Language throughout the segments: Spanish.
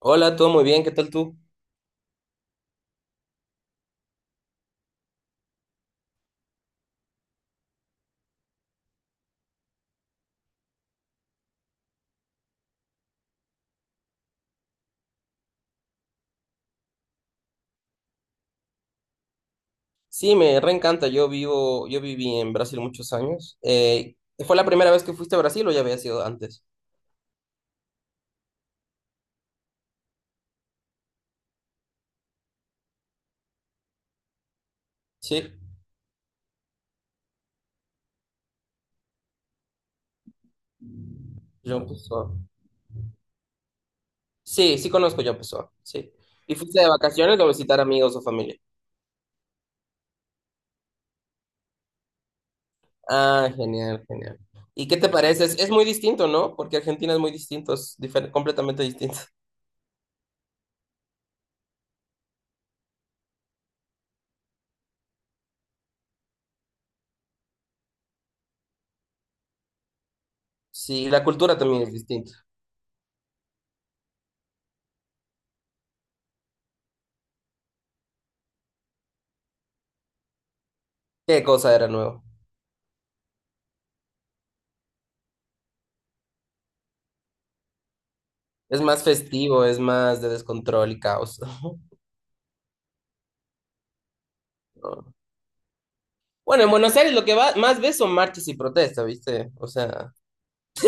Hola, todo muy bien, ¿qué tal tú? Sí, me reencanta, yo viví en Brasil muchos años. ¿Fue la primera vez que fuiste a Brasil o ya había sido antes? Sí, yo Pessoa. Sí, sí conozco yo Pessoa, sí. ¿Y fuiste de vacaciones o a visitar amigos o familia? Ah, genial, genial. ¿Y qué te parece? Es muy distinto, ¿no? Porque Argentina es muy distinto, completamente distinto. Sí, la cultura también es distinta. ¿Qué cosa era nuevo? Es más festivo, es más de descontrol y caos. Bueno, en Buenos Aires lo que va, más ves son marchas y protestas, ¿viste? O sea,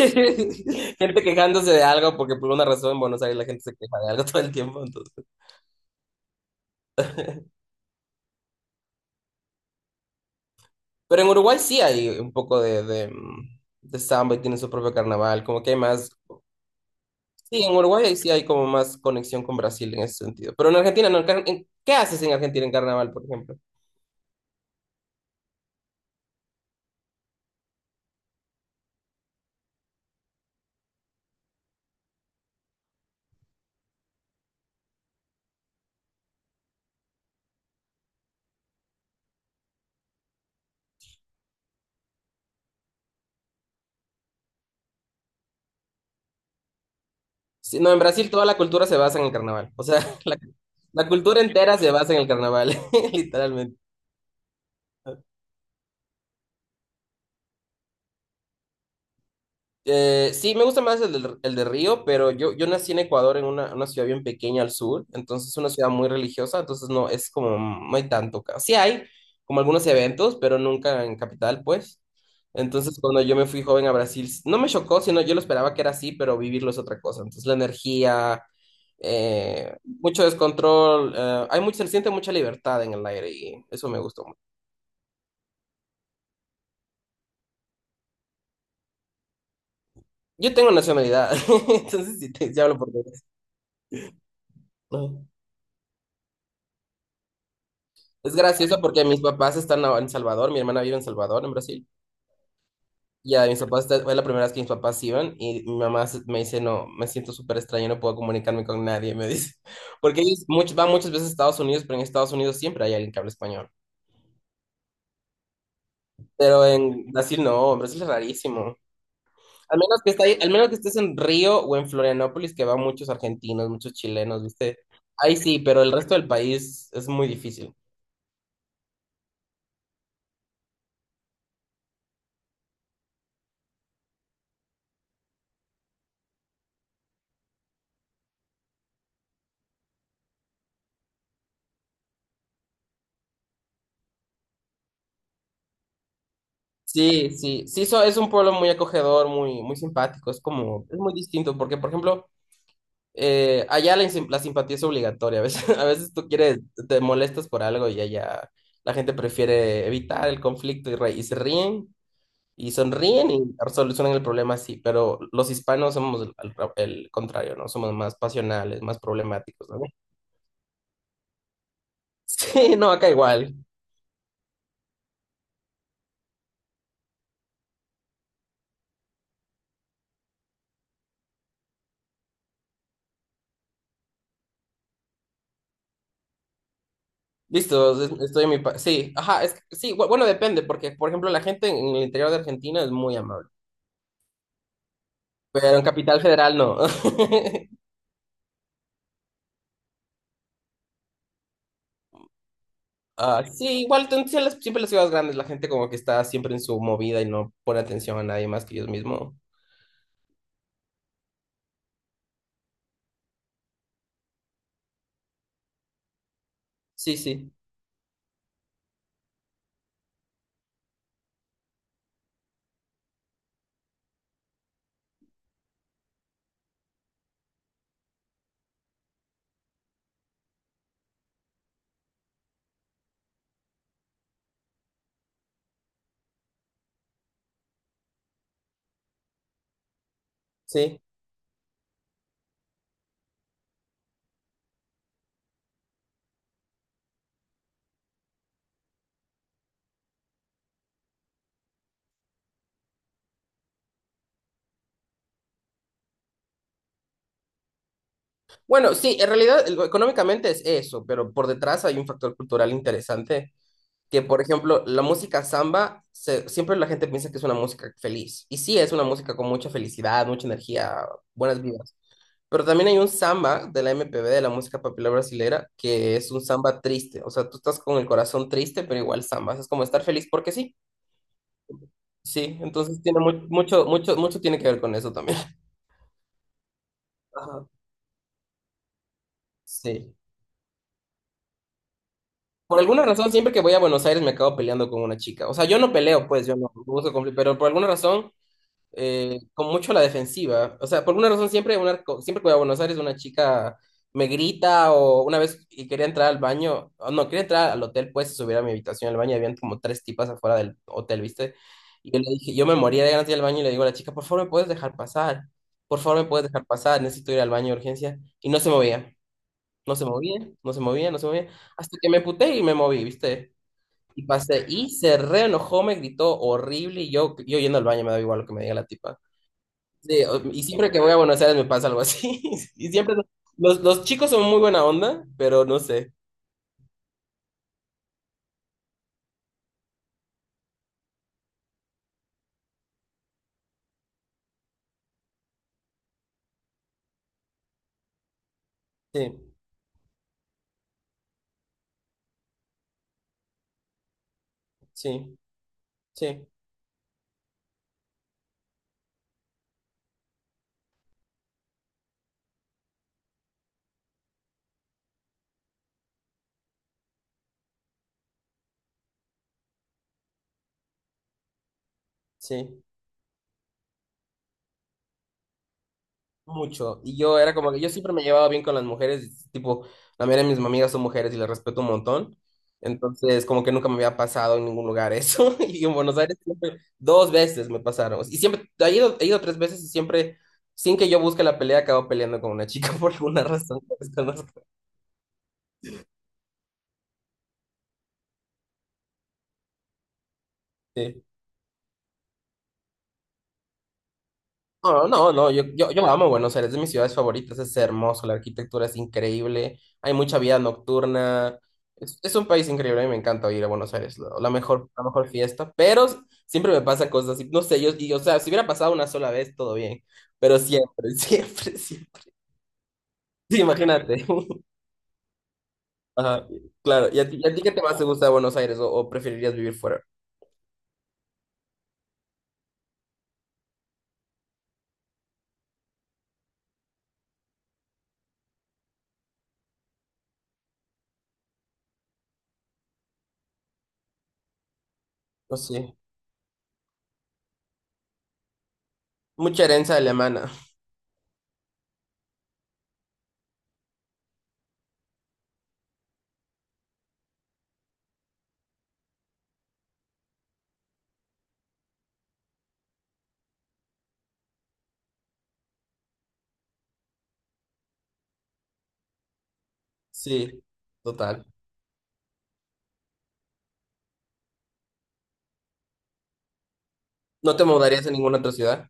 gente quejándose de algo porque por una razón en Buenos Aires la gente se queja de algo todo el tiempo, entonces. Pero en Uruguay sí hay un poco de de samba y tiene su propio carnaval, como que hay más. Sí, en Uruguay ahí sí hay como más conexión con Brasil en ese sentido. Pero en Argentina no. ¿Qué haces en Argentina en carnaval, por ejemplo? Sí, no, en Brasil toda la cultura se basa en el carnaval. O sea, la, la cultura entera se basa en el carnaval, literalmente. Sí, me gusta más el de Río, pero yo nací en Ecuador, en una ciudad bien pequeña al sur, entonces una ciudad muy religiosa, entonces no, es como, no hay tanto. Sí hay como algunos eventos, pero nunca en capital, pues. Entonces, cuando yo me fui joven a Brasil, no me chocó, sino yo lo esperaba que era así, pero vivirlo es otra cosa. Entonces, la energía, mucho descontrol, hay mucho, se siente mucha libertad en el aire y eso me gustó mucho. Yo tengo nacionalidad, entonces sí, sí hablo por mí. Es gracioso porque mis papás están ahora en Salvador, mi hermana vive en Salvador, en Brasil. Y a mis papás fue la primera vez que mis papás iban y mi mamá me dice, no, me siento súper extraña, no puedo comunicarme con nadie, me dice. Porque ellos van muchas veces a Estados Unidos, pero en Estados Unidos siempre hay alguien que habla español. Pero en Brasil no, en Brasil es rarísimo. Al menos que estés en Río o en Florianópolis, que van muchos argentinos, muchos chilenos, ¿viste? Ahí sí, pero el resto del país es muy difícil. Sí, sí, sí, es un pueblo muy acogedor, muy, muy simpático, es como, es muy distinto, porque por ejemplo, allá la simpatía es obligatoria, a veces, a veces tú quieres, te molestas por algo y allá la gente prefiere evitar el conflicto y se ríen y sonríen y solucionan el problema así, pero los hispanos somos el, al el contrario, ¿no? Somos más pasionales, más problemáticos, ¿no? Sí, no, acá igual. Listo, es- estoy en mi... pa- Sí, ajá, sí, bueno, depende, porque, por ejemplo, la gente en el interior de Argentina es muy amable. Pero en Capital Federal no. Ah, sí, igual sí, siempre las ciudades grandes, la gente como que está siempre en su movida y no pone atención a nadie más que ellos mismos. Sí, sí, sí. Bueno, sí, en realidad económicamente es eso, pero por detrás hay un factor cultural interesante, que por ejemplo, la música samba, siempre la gente piensa que es una música feliz. Y sí, es una música con mucha felicidad, mucha energía, buenas vidas. Pero también hay un samba de la MPB, de la música popular brasilera, que es un samba triste. O sea, tú estás con el corazón triste, pero igual samba. Es como estar feliz porque sí. Sí, entonces tiene mucho, mucho, mucho tiene que ver con eso también. Ajá. Sí. Por alguna razón, siempre que voy a Buenos Aires me acabo peleando con una chica. O sea, yo no peleo, pues, yo no busco conflicto, pero por alguna razón con mucho a la defensiva. O sea, por alguna razón siempre, siempre que voy a Buenos Aires una chica me grita o una vez y quería entrar al baño, o no, quería entrar al hotel, pues subir a mi habitación al baño, y habían como tres tipas afuera del hotel, ¿viste? Y yo le dije, yo me moría de ganas de ir al baño y le digo a la chica, por favor, ¿me puedes dejar pasar? Por favor, ¿me puedes dejar pasar? Necesito ir al baño de urgencia. Y no se movía, no se movía, no se movía, no se movía, hasta que me puté y me moví, ¿viste? Y pasé, y se reenojó, me gritó horrible, y yo yendo al baño me da igual lo que me diga la tipa. Sí, y siempre que voy a Buenos Aires me pasa algo así. Y siempre los chicos son muy buena onda, pero no sé. Sí, sí, sí, sí, mucho. Y yo era como que yo siempre me llevaba bien con las mujeres, tipo, la mayoría de mis amigas son mujeres y las respeto un montón. Entonces, como que nunca me había pasado en ningún lugar eso. Y en Buenos Aires siempre, dos veces me pasaron. Y siempre, he ido tres veces y siempre, sin que yo busque la pelea, acabo peleando con una chica por alguna razón que desconozco. Sí. No, no, no, yo amo Buenos Aires, es de mis ciudades favoritas, es hermoso, la arquitectura es increíble, hay mucha vida nocturna, es un país increíble, a mí me encanta ir a Buenos Aires, la mejor fiesta, pero siempre me pasan cosas así, no sé, o sea, si hubiera pasado una sola vez, todo bien, pero siempre, siempre, siempre, sí, imagínate. Ajá, claro, ¿y a ti qué te más te gusta de Buenos Aires o preferirías vivir fuera? No sé, mucha herencia alemana, sí, total, ¿no te mudarías a ninguna otra ciudad?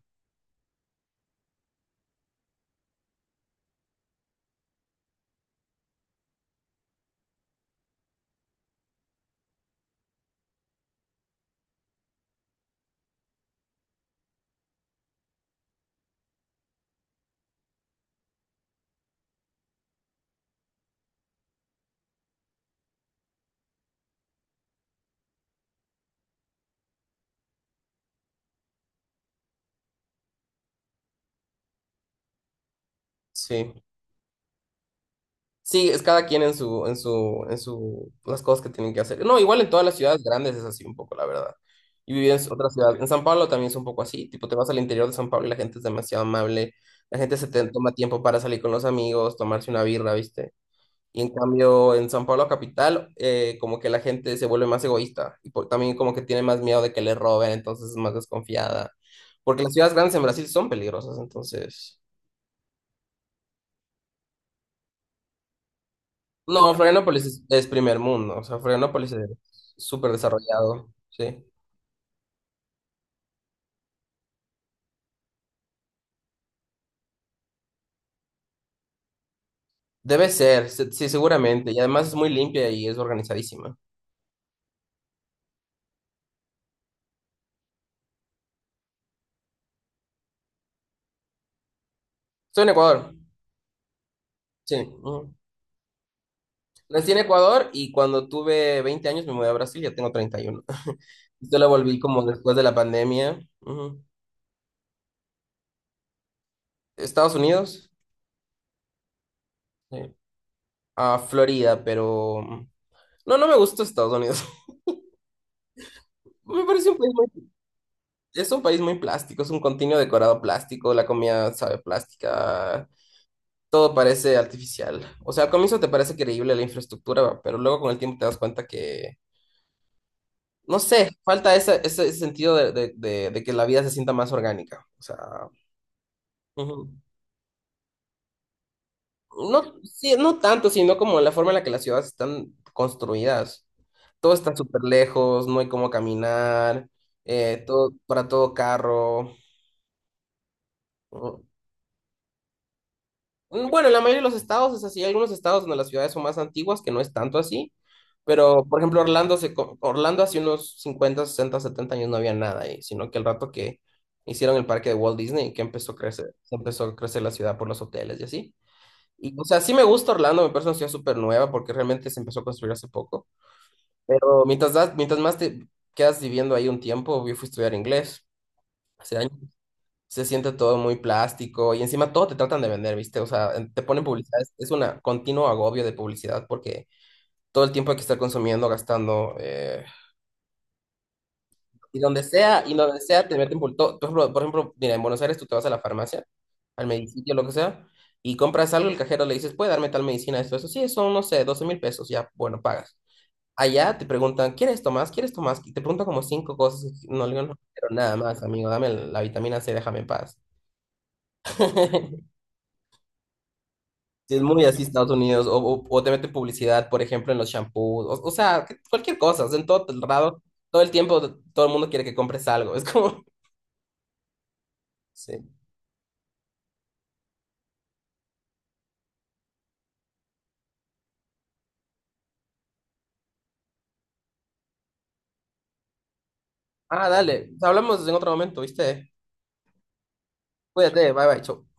Sí. Sí, es cada quien las cosas que tienen que hacer. No, igual en todas las ciudades grandes es así un poco, la verdad. Y vivir en otra ciudad. En San Pablo también es un poco así. Tipo, te vas al interior de San Pablo y la gente es demasiado amable. La gente se te toma tiempo para salir con los amigos, tomarse una birra, ¿viste? Y en cambio, en San Pablo capital, como que la gente se vuelve más egoísta. También como que tiene más miedo de que le roben, entonces es más desconfiada. Porque las ciudades grandes en Brasil son peligrosas, entonces. No, Florianópolis es primer mundo, o sea, Florianópolis es súper desarrollado, sí. Debe ser, sí, seguramente, y además es muy limpia y es organizadísima. Estoy en Ecuador, sí. Ujú. Nací en Ecuador y cuando tuve 20 años me mudé a Brasil, ya tengo 31. Yo la volví como después de la pandemia. Ujú. Estados Unidos, sí. A Florida, pero. No, no me gusta Estados Unidos. Me parece un país muy, es un país muy plástico, es un continuo decorado plástico, la comida sabe plástica, todo parece artificial. O sea, al comienzo te parece creíble la infraestructura, pero luego con el tiempo te das cuenta que, no sé, falta ese sentido de que la vida se sienta más orgánica. O sea, ujú. No, sí, no tanto, sino como la forma en la que las ciudades están construidas. Todo está súper lejos, no hay cómo caminar, para todo carro. ¿No? Mm. Bueno, en la mayoría de los estados es así. Hay algunos estados donde las ciudades son más antiguas que no es tanto así. Pero, por ejemplo, Orlando, Orlando hace unos 50, 60, 70 años no había nada ahí, sino que el rato que hicieron el parque de Walt Disney, que empezó a crecer, se empezó a crecer la ciudad por los hoteles y así. Y, o sea, sí me gusta Orlando, me parece una ciudad súper nueva porque realmente se empezó a construir hace poco. Pero mientras más te quedas viviendo ahí un tiempo, yo fui a estudiar inglés. Hace se siente todo muy plástico y encima todo te tratan de vender, ¿viste? O sea, te ponen publicidad, es una continuo agobio de publicidad porque todo el tiempo hay que estar consumiendo, gastando, y donde sea te meten por todo. Por ejemplo, mira, en Buenos Aires tú te vas a la farmacia, al medicitio, lo que sea, y compras algo, el cajero le dices, ¿puede darme tal medicina, esto, eso? Sí, son, no sé, 12.000 pesos, ya, bueno, pagas. Allá te preguntan, ¿quieres esto más? ¿Quieres esto más? Y te preguntan como cinco cosas. Y no le digo, no quiero nada más, amigo. Dame la vitamina C, déjame en paz. Sí, es muy así Estados Unidos, o te meten publicidad, por ejemplo, en los shampoos, o sea, cualquier cosa, o sea, en todo el lado todo el tiempo, todo el mundo quiere que compres algo, es como. Sí. Ah, dale, hablamos en otro momento, ¿viste? Cuídate, bye bye, chau.